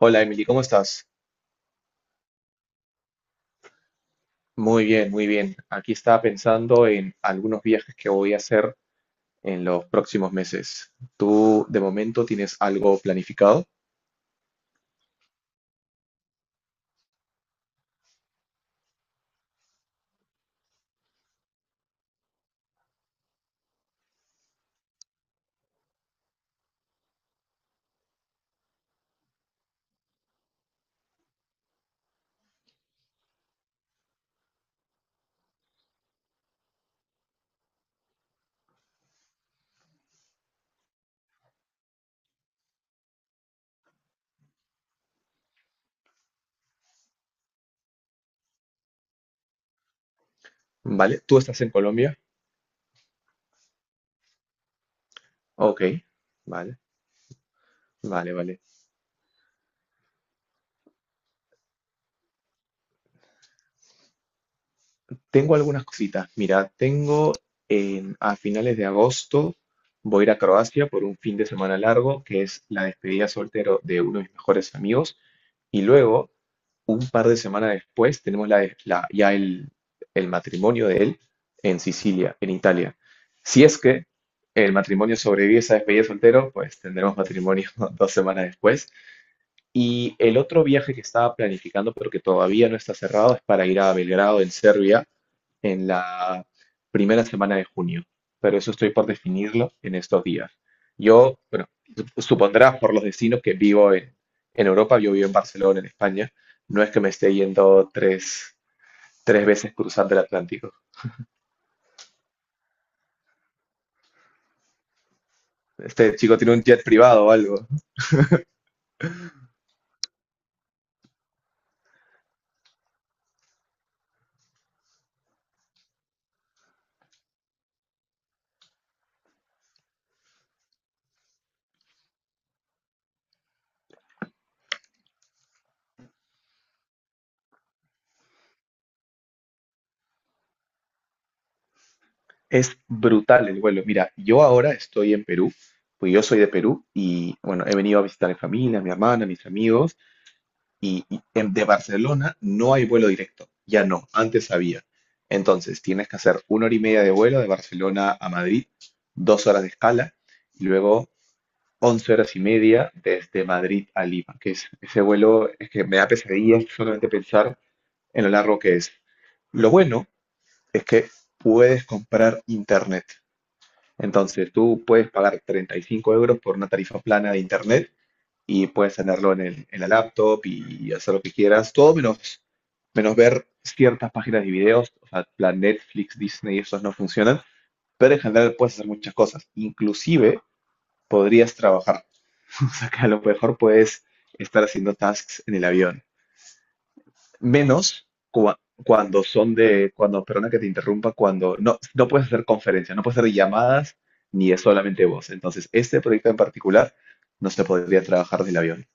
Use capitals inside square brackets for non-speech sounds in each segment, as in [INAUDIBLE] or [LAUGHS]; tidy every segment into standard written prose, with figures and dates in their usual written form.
Hola Emily, ¿cómo estás? Muy bien, muy bien. Aquí estaba pensando en algunos viajes que voy a hacer en los próximos meses. ¿Tú de momento tienes algo planificado? ¿Vale? ¿Tú estás en Colombia? Ok, vale, vale, vale. Tengo algunas cositas. Mira, tengo a finales de agosto, voy a ir a Croacia por un fin de semana largo, que es la despedida soltero de uno de mis mejores amigos. Y luego, un par de semanas después, tenemos el matrimonio de él en Sicilia, en Italia. Si es que el matrimonio sobrevive a esa despedida de soltero, pues tendremos matrimonio [LAUGHS] 2 semanas después. Y el otro viaje que estaba planificando, pero que todavía no está cerrado, es para ir a Belgrado, en Serbia, en la primera semana de junio, pero eso estoy por definirlo en estos días. Yo, bueno, supondrás por los destinos que vivo en Europa. Yo vivo en Barcelona, en España, no es que me esté yendo tres veces cruzando el Atlántico. Este chico tiene un jet privado o algo. Es brutal el vuelo. Mira, yo ahora estoy en Perú, pues yo soy de Perú y bueno, he venido a visitar a mi familia, a mi hermana, a mis amigos y de Barcelona no hay vuelo directo, ya no, antes había. Entonces tienes que hacer 1 hora y media de vuelo de Barcelona a Madrid, 2 horas de escala y luego 11 horas y media desde Madrid a Lima, que es ese vuelo es que me da pesadillas solamente pensar en lo largo que es. Lo bueno es que puedes comprar internet. Entonces tú puedes pagar 35 € por una tarifa plana de internet y puedes tenerlo en, en la laptop y hacer lo que quieras, todo menos, menos ver ciertas páginas de videos, o sea, plan Netflix, Disney, esos no funcionan, pero en general puedes hacer muchas cosas, inclusive podrías trabajar, [LAUGHS] o sea, que a lo mejor puedes estar haciendo tasks en el avión, menos cuando, perdona que te interrumpa, cuando no puedes hacer conferencias, no puedes hacer llamadas, ni es solamente voz. Entonces, este proyecto en particular no se podría trabajar del avión.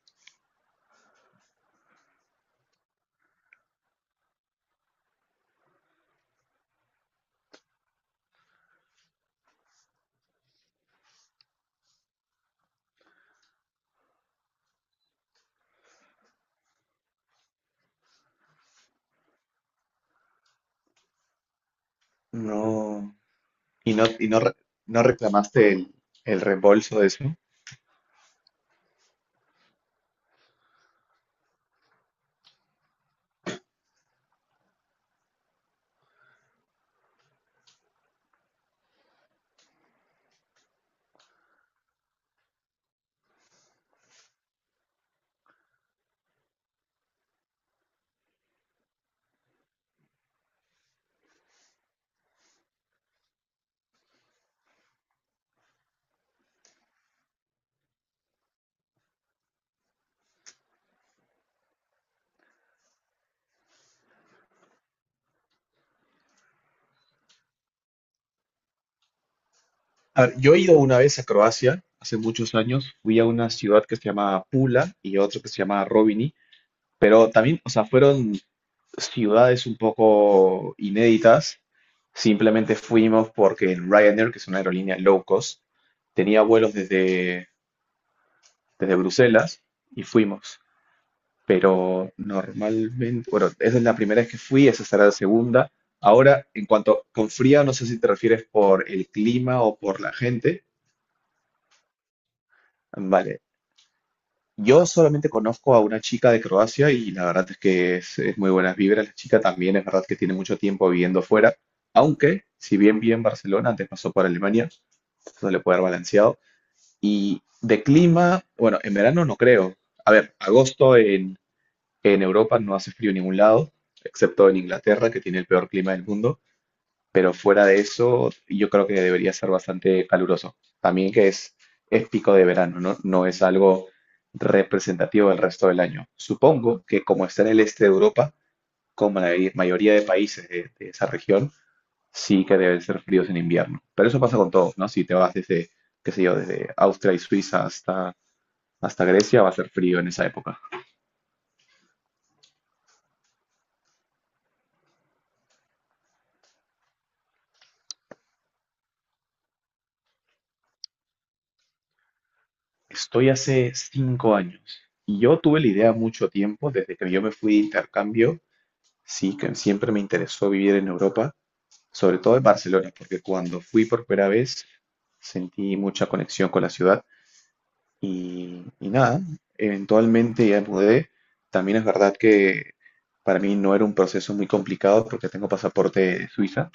No. ¿Y no, y no, re- no reclamaste el reembolso de eso? A ver, yo he ido una vez a Croacia, hace muchos años, fui a una ciudad que se llama Pula y otra que se llama Robini, pero también, o sea, fueron ciudades un poco inéditas. Simplemente fuimos porque el Ryanair, que es una aerolínea low cost, tenía vuelos desde, Bruselas y fuimos. Pero normalmente, bueno, esa es la primera vez que fui, esa será la segunda. Ahora, en cuanto con frío, no sé si te refieres por el clima o por la gente. Vale, yo solamente conozco a una chica de Croacia y la verdad es que es muy buenas vibras. La chica también es verdad que tiene mucho tiempo viviendo fuera, aunque si bien vive en Barcelona, antes pasó por Alemania, eso le puede haber balanceado. Y de clima, bueno, en verano no creo. A ver, agosto en Europa no hace frío en ningún lado, excepto en Inglaterra, que tiene el peor clima del mundo, pero fuera de eso, yo creo que debería ser bastante caluroso. También que es, pico de verano, ¿no? No es algo representativo del resto del año. Supongo que como está en el este de Europa, como la mayoría de países de, esa región, sí que deben ser fríos en invierno. Pero eso pasa con todo, ¿no? Si te vas desde, qué sé yo, desde Austria y Suiza hasta Grecia, va a ser frío en esa época. Estoy hace 5 años y yo tuve la idea mucho tiempo, desde que yo me fui de intercambio, sí, que siempre me interesó vivir en Europa, sobre todo en Barcelona, porque cuando fui por primera vez sentí mucha conexión con la ciudad y nada, eventualmente ya me mudé. También es verdad que para mí no era un proceso muy complicado porque tengo pasaporte de Suiza,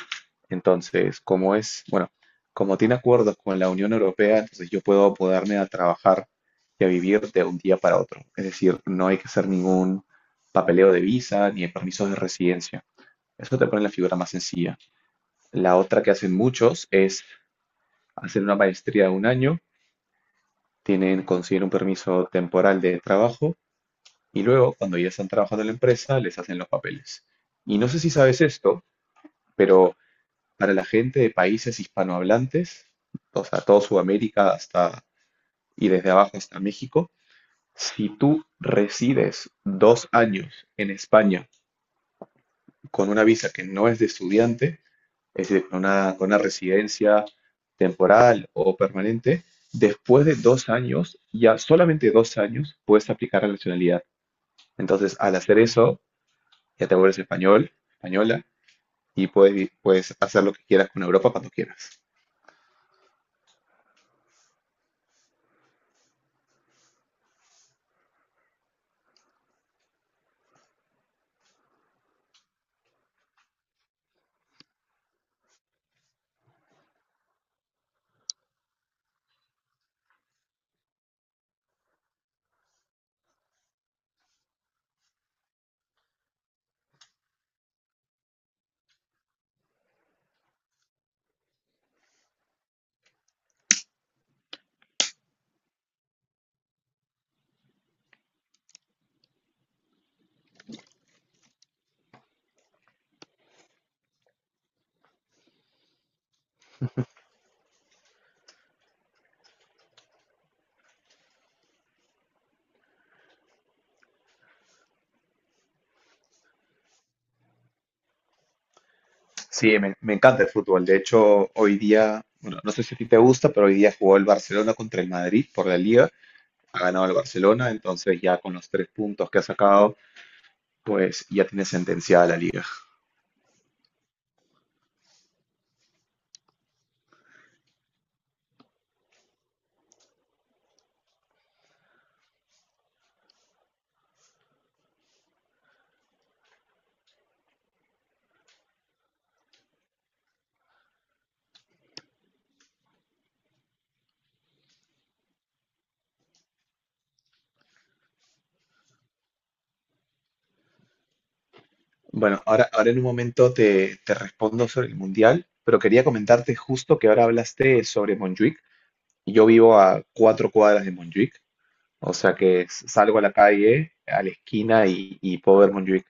entonces, como es, bueno, como tiene acuerdos con la Unión Europea, entonces yo puedo poderme a trabajar y a vivir de un día para otro. Es decir, no hay que hacer ningún papeleo de visa ni de permisos de residencia. Eso te pone la figura más sencilla. La otra que hacen muchos es hacer una maestría de un año, tienen, consiguen un permiso temporal de trabajo y luego, cuando ya están trabajando en la empresa, les hacen los papeles. Y no sé si sabes esto, pero para la gente de países hispanohablantes, o sea, toda Sudamérica hasta y desde abajo hasta México, si tú resides 2 años en España con una visa que no es de estudiante, es decir, con una residencia temporal o permanente, después de 2 años, ya solamente 2 años, puedes aplicar la nacionalidad. Entonces, al hacer eso, ya te vuelves español, española, y puedes, puedes hacer lo que quieras con Europa cuando quieras. Sí, me encanta el fútbol. De hecho, hoy día, bueno, no sé si a ti te gusta, pero hoy día jugó el Barcelona contra el Madrid por la Liga. Ha ganado el Barcelona, entonces ya con los tres puntos que ha sacado, pues ya tiene sentenciada la Liga. Bueno, ahora, ahora en un momento te respondo sobre el Mundial, pero quería comentarte justo que ahora hablaste sobre Montjuic. Yo vivo a 4 cuadras de Montjuic. O sea que salgo a la calle, a la esquina y puedo ver Montjuic,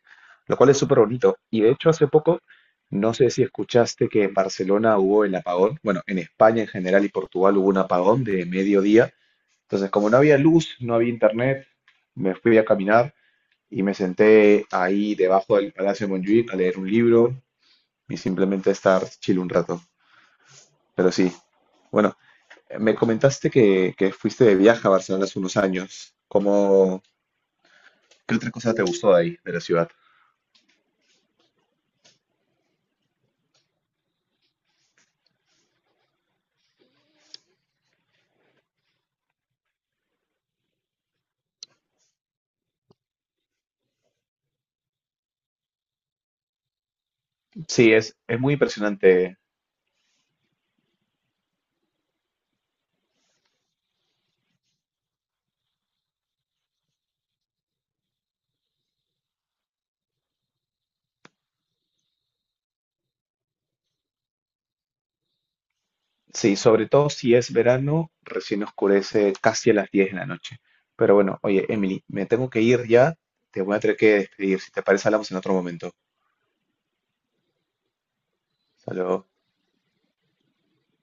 lo cual es súper bonito. Y de hecho hace poco, no sé si escuchaste que en Barcelona hubo el apagón, bueno, en España en general y Portugal hubo un apagón de mediodía. Entonces, como no había luz, no había internet, me fui a caminar y me senté ahí debajo del Palacio de Montjuic a leer un libro y simplemente a estar chill un rato. Pero sí, bueno, me comentaste que fuiste de viaje a Barcelona hace unos años. ¿Cómo, qué otra cosa te gustó de ahí, de la ciudad? Sí, es, muy impresionante. Sí, sobre todo si es verano, recién oscurece casi a las 10 de la noche. Pero bueno, oye, Emily, me tengo que ir ya. Te voy a tener que despedir. Si te parece, hablamos en otro momento. Saludos.